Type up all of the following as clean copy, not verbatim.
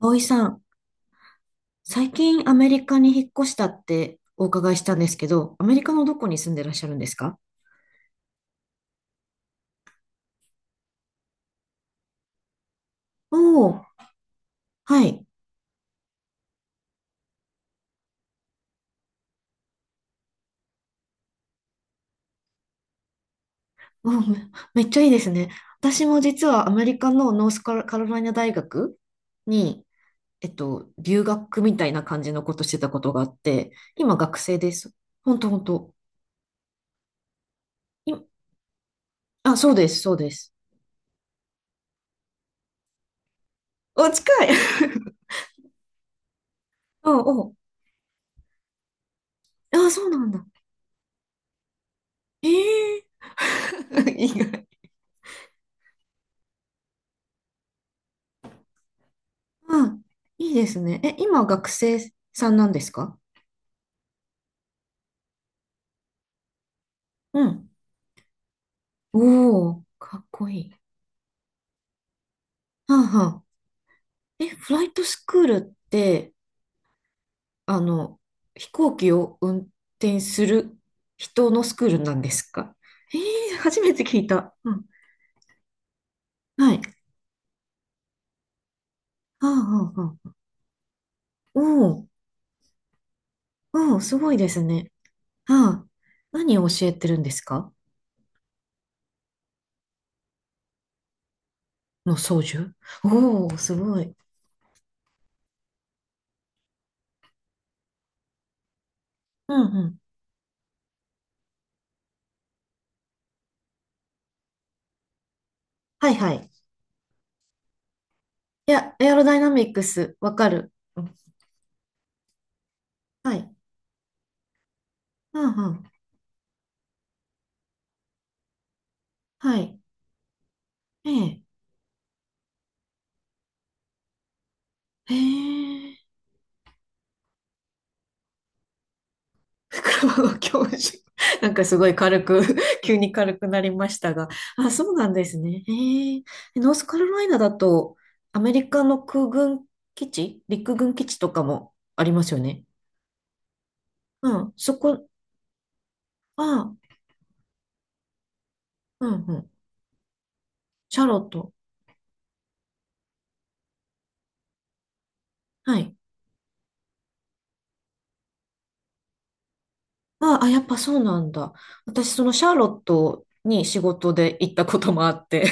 葵さん、最近アメリカに引っ越したってお伺いしたんですけど、アメリカのどこに住んでらっしゃるんですか？おおー、はい。おーめ、めっちゃいいですね。私も実はアメリカのノースカロカロライナ大学に、留学みたいな感じのことしてたことがあって、今学生です。ほんとほんと。い、あ、そうです、そうです。お、近い おお、あ、そうなんだ。ええー 意外。あ、いいですね。え、今学生さんなんですか？うん。おお、かっこいい。はあはあ。え、フライトスクールって、あの、飛行機を運転する人のスクールなんですか？えー、初めて聞いた。うん。はい。はあはあはあ。おお、おお、すごいですね。はあ。何を教えてるんですか？の操縦おお、すごい。うんうん。はいはい。いや、エアロダイナミックス、わかる。うんはい。うんうん。はい。ええ。へえ。袋の教授。なんかすごい軽く 急に軽くなりましたが。あ、そうなんですね。へえ。ノースカロライナだと、アメリカの空軍基地、陸軍基地とかもありますよね。うん。そこ、あ、うんうん。シャーロット。はい。あ、あ、やっぱそうなんだ。私、そのシャーロットに仕事で行ったこともあって。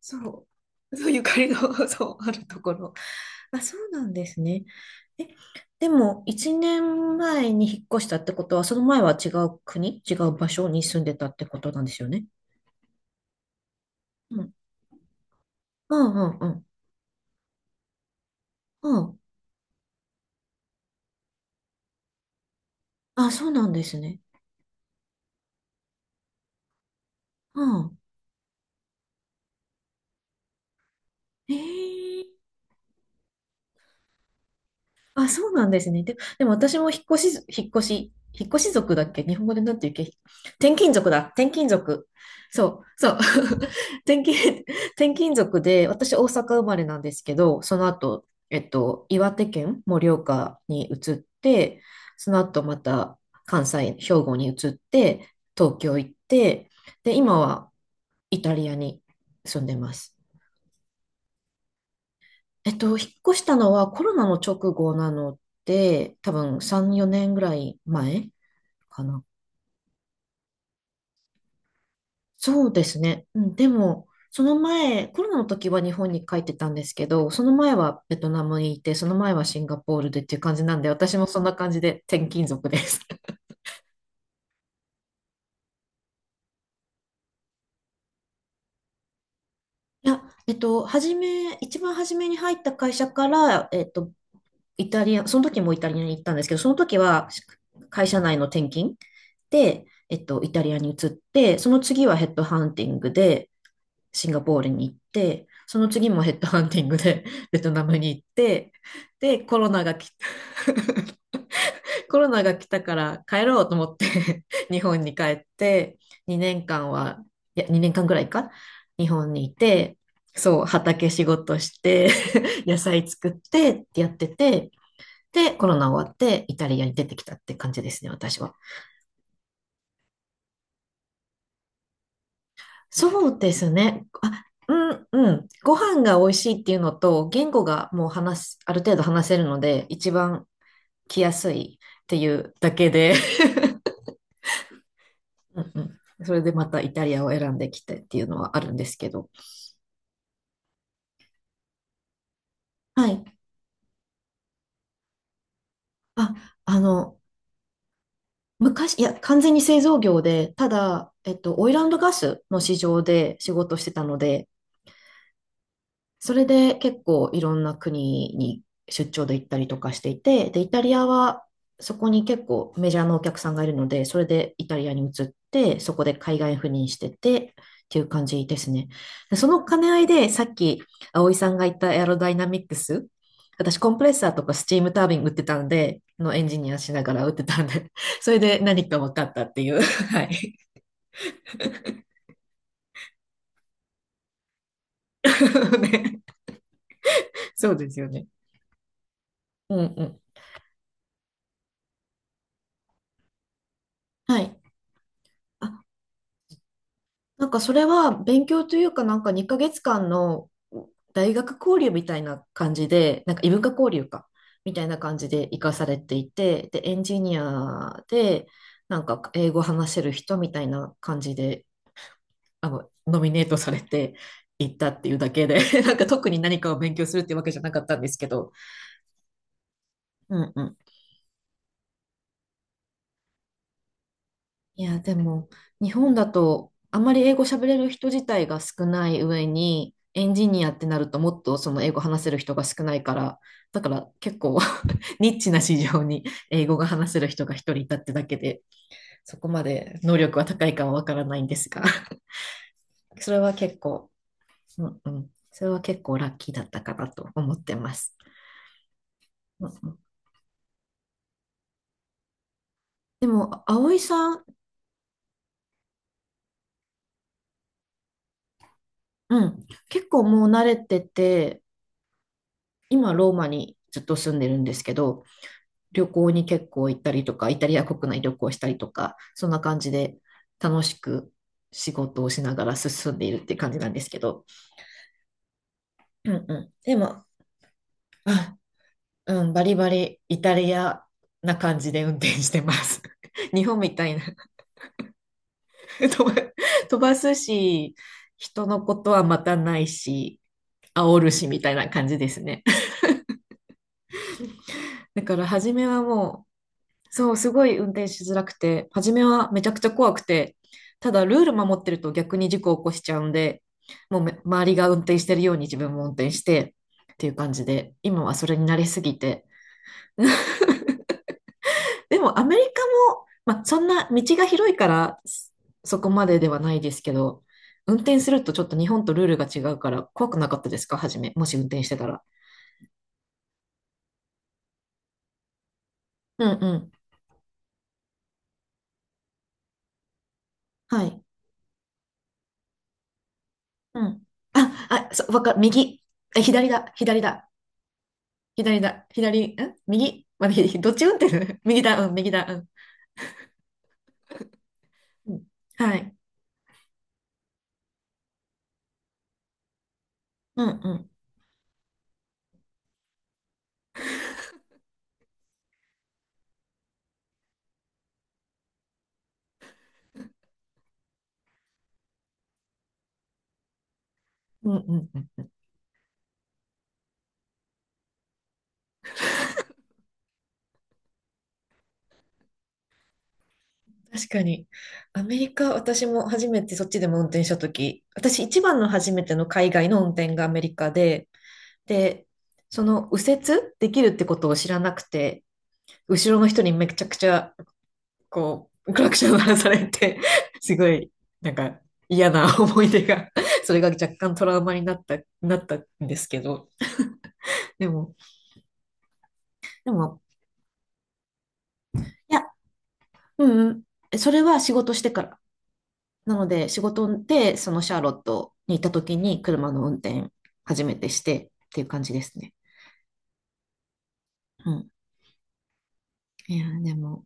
そう。そう、ゆかりの、そう、あるところ。あ、そうなんですね。え、でも、一年前に引っ越したってことは、その前は違う国、違う場所に住んでたってことなんですよね。うん。うんうんうん。うん。あ、そうなんですね。うん。ええあ、そうなんですね。で、でも私も引っ越し族だっけ？日本語でなんて言うっけ？転勤族だ。転勤族。そう、そう。転勤、転勤族で、私大阪生まれなんですけど、その後、岩手県盛岡に移って、その後また関西、兵庫に移って、東京行って、で、今はイタリアに住んでます。引っ越したのはコロナの直後なので、多分3、4年ぐらい前かな。そうですね。うん、でも、その前、コロナの時は日本に帰ってたんですけど、その前はベトナムにいて、その前はシンガポールでっていう感じなんで、私もそんな感じで転勤族です。いや、初め、一番初めに入った会社から、イタリア、その時もイタリアに行ったんですけど、その時は会社内の転勤で、イタリアに移って、その次はヘッドハンティングでシンガポールに行って、その次もヘッドハンティングで ベトナムに行って、で、コロナが来た、コロナが来たから帰ろうと思って 日本に帰って、2年間は、いや、2年間ぐらいか、日本にいて、そう、畑仕事して 野菜作ってってやってて、で、コロナ終わってイタリアに出てきたって感じですね、私は。そうですね。あ、うん、うん。ご飯が美味しいっていうのと、言語がもう話す、ある程度話せるので、一番来やすいっていうだけで、うんうん。それでまたイタリアを選んできてっていうのはあるんですけど。はい。あ、あの、昔、いや、完全に製造業で、ただ、オイルガスの市場で仕事してたので、それで結構いろんな国に出張で行ったりとかしていて、で、イタリアはそこに結構メジャーなお客さんがいるので、それでイタリアに移って、そこで海外赴任しててっていう感じですね。でその兼ね合いでさっき葵さんが言ったエアロダイナミックス、私コンプレッサーとかスチームタービン打ってたんで、のエンジニアしながら打ってたんで、それで何か分かったっていう。はい。ねそうですよね。うんうん。はい。なんかそれは勉強というかなんか2ヶ月間の大学交流みたいな感じで、なんか異文化交流か、みたいな感じで活かされていて、で、エンジニアで、なんか英語話せる人みたいな感じで、ノミネートされていったっていうだけで、なんか特に何かを勉強するってわけじゃなかったんですけど、うんうんいや、でも、日本だと、あんまり英語喋れる人自体が少ない上に、エンジニアってなると、もっとその英語話せる人が少ないから、だから結構 ニッチな市場に英語が話せる人が一人いたってだけで、そこまで能力は高いかはわからないんですが、それは結構、うんうん、それは結構ラッキーだったかなと思ってます。うんうん、でも、葵さん、うん、結構もう慣れてて、今ローマにずっと住んでるんですけど、旅行に結構行ったりとか、イタリア国内旅行したりとか、そんな感じで楽しく仕事をしながら進んでいるって感じなんですけど、うんうん。でも、あ、うん、バリバリイタリアな感じで運転してます。日本みたいな 飛ば、飛ばすし、人のことはまたないし、煽るしみたいな感じですね。だから初めはもうそう、すごい運転しづらくて、初めはめちゃくちゃ怖くて、ただルール守ってると逆に事故を起こしちゃうんで、もうめ周りが運転してるように自分も運転してっていう感じで、今はそれに慣れすぎて。でもアメリカも、まあ、そんな道が広いからそそこまでではないですけど、運転するとちょっと日本とルールが違うから怖くなかったですか初め、もし運転してたら。うんうん。はい。うん。あ、あ、そう、わかる。右。え、左だ。左だ。左だ、左、ん右まで、どっち運転だ 右だ、うん、右だ、うん。うんはい。うん、うん。うん、うん、うん。確かに。アメリカ、私も初めてそっちでも運転したとき、私一番の初めての海外の運転がアメリカで、で、その右折できるってことを知らなくて、後ろの人にめちゃくちゃ、こう、クラクション鳴らされて、すごい、なんか嫌な思い出が、それが若干トラウマになった、なったんですけど、でも、でも、いや、うんうん。それは仕事してから。なので、仕事で、そのシャーロットに行った時に車の運転初めてしてっていう感じですね。うん。いや、でも、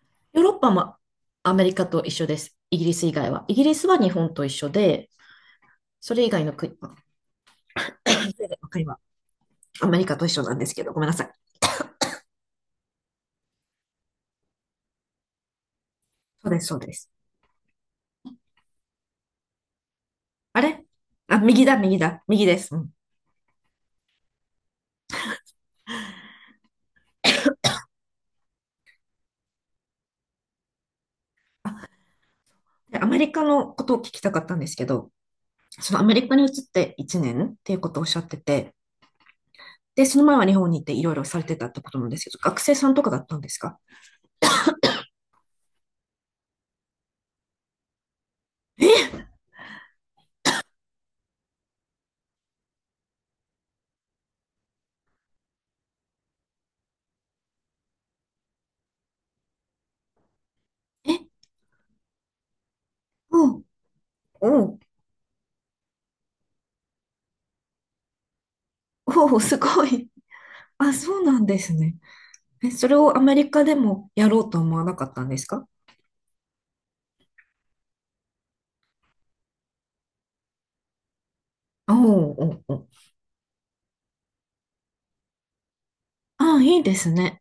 ヨーロッパもアメリカと一緒です。イギリス以外は。イギリスは日本と一緒で、それ以外の国、それ以外 の国はアメリカと一緒なんですけど、ごめんなさい。そうです、そうです。あれあ、右だ、右だ、右です。うん。あ、でアメリカのことを聞きたかったんですけど、そのアメリカに移って1年っていうことをおっしゃってて、で、その前は日本に行っていろいろされてたってことなんですけど、学生さんとかだったんですか？え、え、うん、うん、おお、すごい。あ、そうなんですね。え、それをアメリカでもやろうと思わなかったんですか？おお、おーおー。あ、いいですね。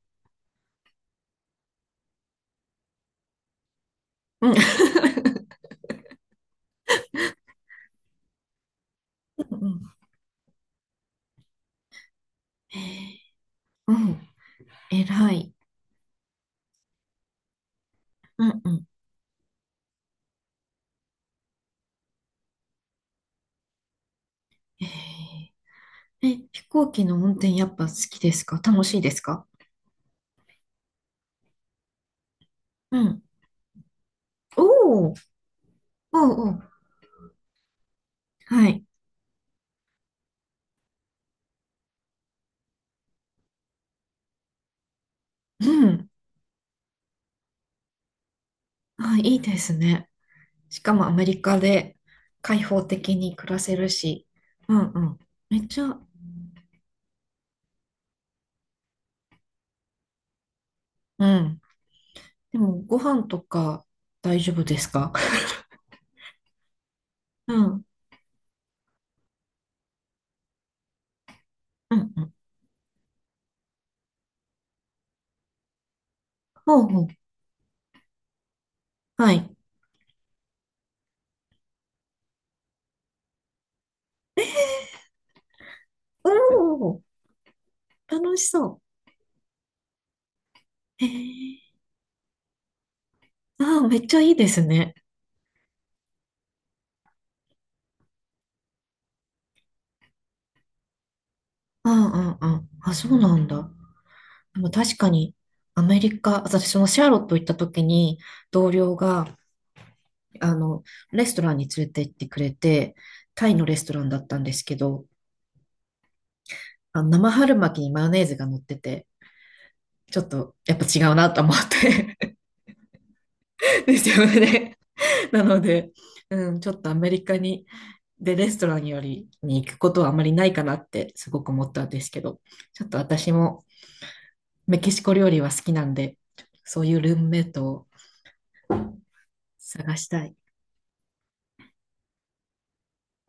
うん。うんうんえーうん偉い。うんうん。えええ、飛行機の運転やっぱ好きですか？楽しいですか？うん。おお、おうおう、はい。うん。あ、いいですね。しかもアメリカで開放的に暮らせるし、うんうん。めっちゃ、うん。でも、ご飯とか大丈夫ですか？ うん、うん、うん。ほうほう。はい。おー、楽しそう。へあーめっちゃいいですね。うんうんうん。あ、そうなんだ。でも確かに、アメリカ、私もシャーロット行った時に、同僚が、あの、レストランに連れて行ってくれて、タイのレストランだったんですけど、あの生春巻きにマヨネーズが乗ってて、ちょっとやっぱ違うなと思って ですよね。なので、うん、ちょっとアメリカに、で、レストランよりに行くことはあまりないかなってすごく思ったんですけど、ちょっと私もメキシコ料理は好きなんで、そういうルームメイトを探したい。